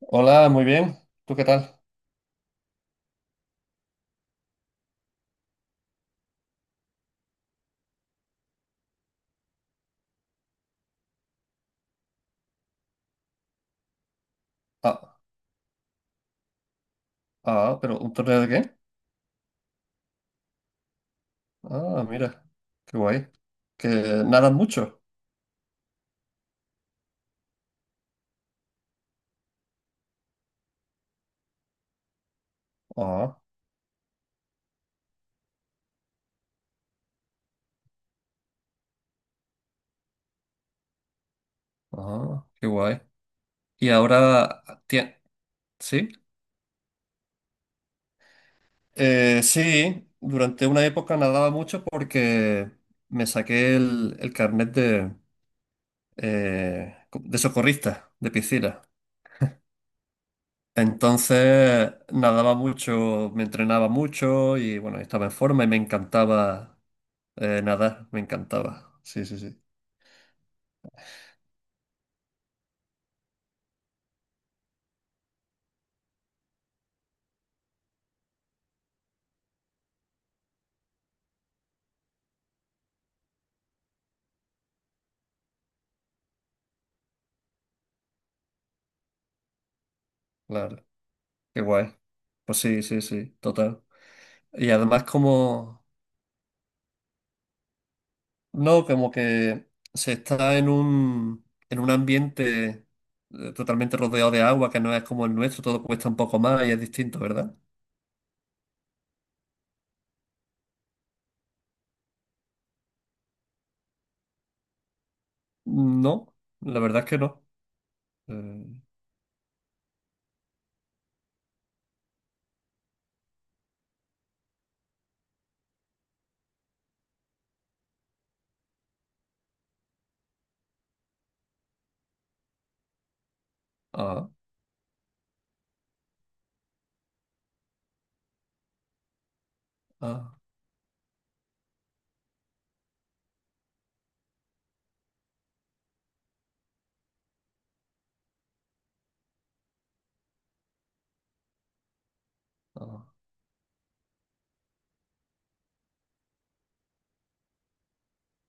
Hola, muy bien. ¿Tú qué tal? Ah, ah, pero ¿un torneo de qué? Ah, mira, qué guay. ¿Que nadan mucho? Ah, ah, qué guay. Y ahora, ¿sí? Sí, durante una época nadaba mucho porque me saqué el carnet de socorrista de piscina. Entonces nadaba mucho, me entrenaba mucho y bueno, estaba en forma y me encantaba nadar, me encantaba. Sí, sí, sí. Claro, qué guay. Pues sí, sí, sí, total. Y además como, no, como que se está en un ambiente totalmente rodeado de agua, que no es como el nuestro, todo cuesta un poco más y es distinto, ¿verdad? No, la verdad es que no. Eh, ah, ah, ah,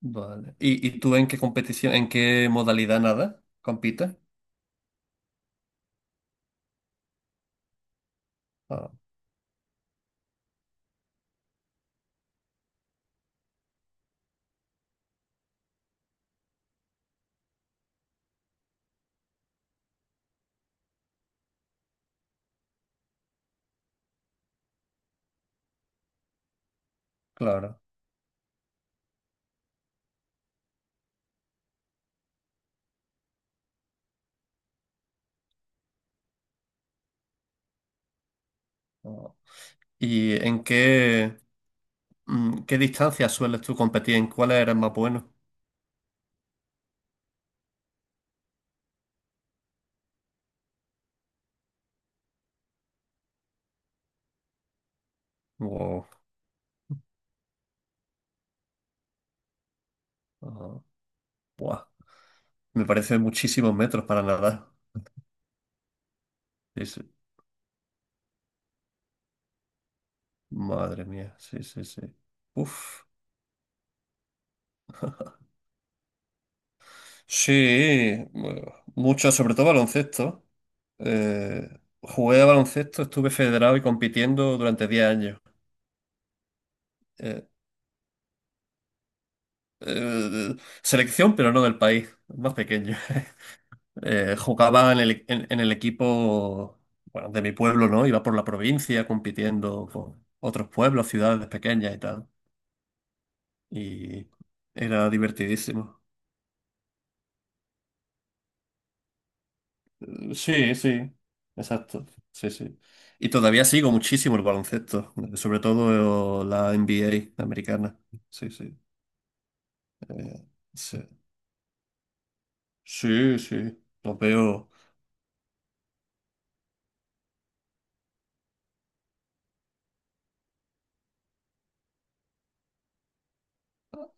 vale. ¿Y tú en qué competición, en qué modalidad nada compites? Ah, claro. Ah. ¿Y qué distancias sueles tú competir? ¿En cuáles eres más bueno? Wow. Ah, buah. Me parece muchísimos metros para nadar. Sí, sí. Madre mía, sí, sí, sí. Uf. Sí, bueno, mucho, sobre todo baloncesto. Eh, jugué a baloncesto, estuve federado y compitiendo durante 10 años. Eh, eh, selección, pero no del país, más pequeño. Jugaba en el equipo, bueno, de mi pueblo, ¿no? Iba por la provincia compitiendo con otros pueblos, ciudades pequeñas y tal. Y era divertidísimo. Sí, sí, exacto. Sí, sí. Y todavía sigo muchísimo el baloncesto, sobre todo la NBA americana. Sí, sí. eh, sí, sí, sí. Lo veo.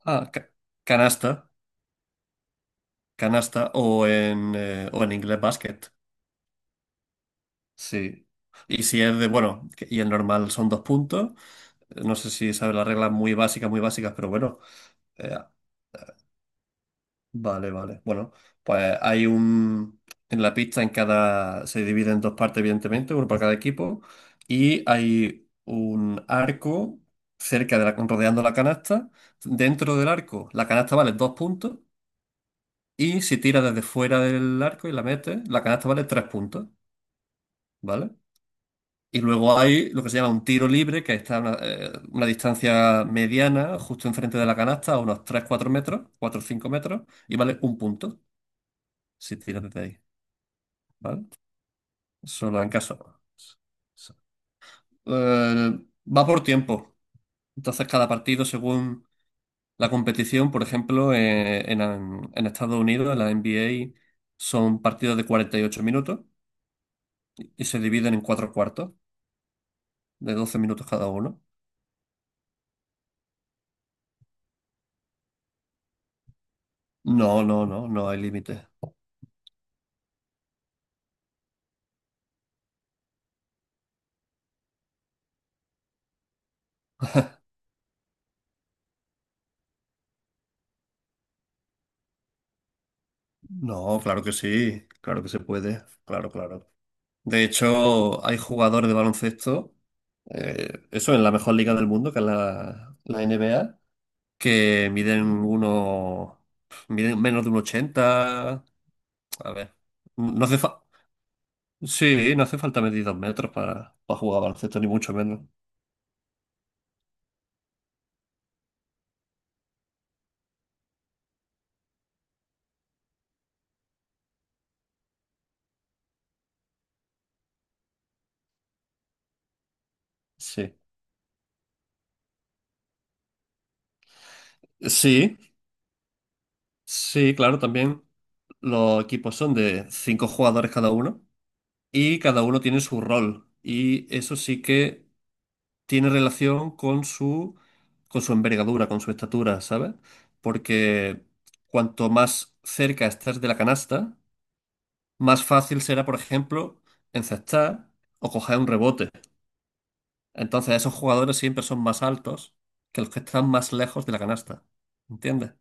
Ah, canasta, canasta o o en inglés basket. Sí. Y si es de, bueno, y el normal son 2 puntos. No sé si sabes las reglas muy básicas, pero bueno. eh, Vale, vale. Bueno. pues hay un... En la pista se divide en dos partes, evidentemente, uno para cada equipo, y hay un arco rodeando la canasta. Dentro del arco, la canasta vale 2 puntos, y si tiras desde fuera del arco y la metes, la canasta vale 3 puntos, ¿vale? Y luego hay lo que se llama un tiro libre, que está a una distancia mediana, justo enfrente de la canasta, a unos tres cuatro metros, cuatro o 5 metros, y vale un punto si tiras desde ahí. ¿Vale? Solo en caso. Eh, va por tiempo. Entonces, cada partido, según la competición, por ejemplo, en Estados Unidos, en la NBA, son partidos de 48 minutos y se dividen en cuatro cuartos, de 12 minutos cada uno. No, no, no, no hay límite. No, claro que sí, claro que se puede, claro, claro. De hecho, hay jugadores de baloncesto, eso en la mejor liga del mundo, que es la NBA, que miden menos de 1,80. A ver, no hace fa- sí, no hace falta medir 2 metros para jugar baloncesto, ni mucho menos. Sí. Sí, sí, claro, también los equipos son de cinco jugadores cada uno y cada uno tiene su rol. Y eso sí que tiene relación con su envergadura, con su estatura, ¿sabes? Porque cuanto más cerca estés de la canasta, más fácil será, por ejemplo, encestar o coger un rebote. Entonces, esos jugadores siempre son más altos que los que están más lejos de la canasta. ¿Entiendes?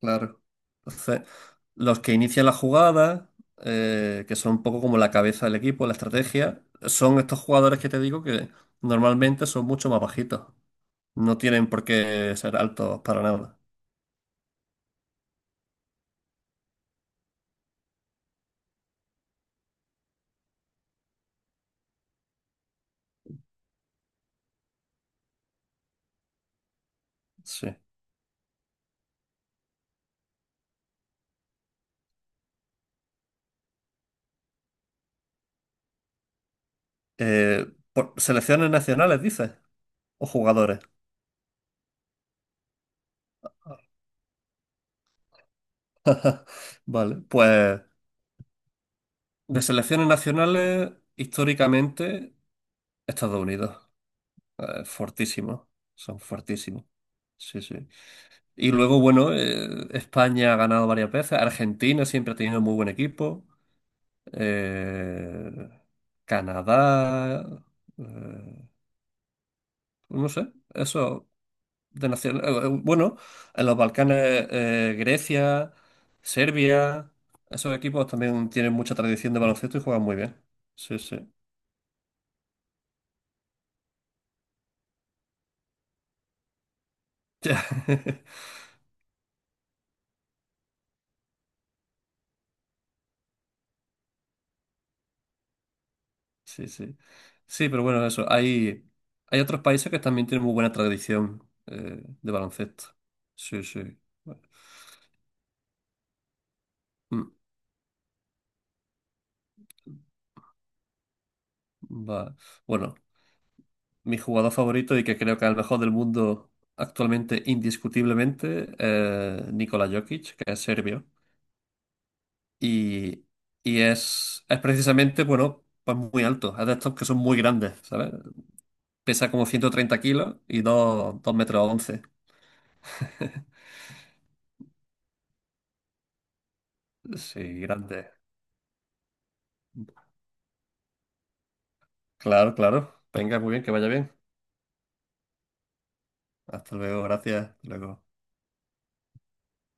Claro. Entonces, los que inician la jugada, que son un poco como la cabeza del equipo, la estrategia, son estos jugadores que te digo que normalmente son mucho más bajitos. No tienen por qué ser altos para nada. Sí. Eh, selecciones nacionales, dices, o jugadores. Vale, pues de selecciones nacionales, históricamente, Estados Unidos. Fortísimo. Son fortísimos. Sí, sí. Y luego, bueno, España ha ganado varias veces. Argentina siempre ha tenido muy buen equipo. Eh, Canadá. eh, no sé. Eso. Bueno, en los Balcanes, Grecia, Serbia, esos equipos también tienen mucha tradición de baloncesto y juegan muy bien. Sí, sí. Sí, sí. Sí, pero bueno, eso. Hay otros países que también tienen muy buena tradición de baloncesto. Sí, sí. Mm, va. Bueno, mi jugador favorito y que creo que es el mejor del mundo actualmente, indiscutiblemente, Nikola Jokic, que es serbio. Y, y es precisamente, bueno, pues muy alto. Es de estos que son muy grandes, ¿sabes? Pesa como 130 kilos y dos metros once. Sí, grande. Claro, claro. Venga, muy bien, que vaya bien. Hasta luego, gracias. Hasta luego.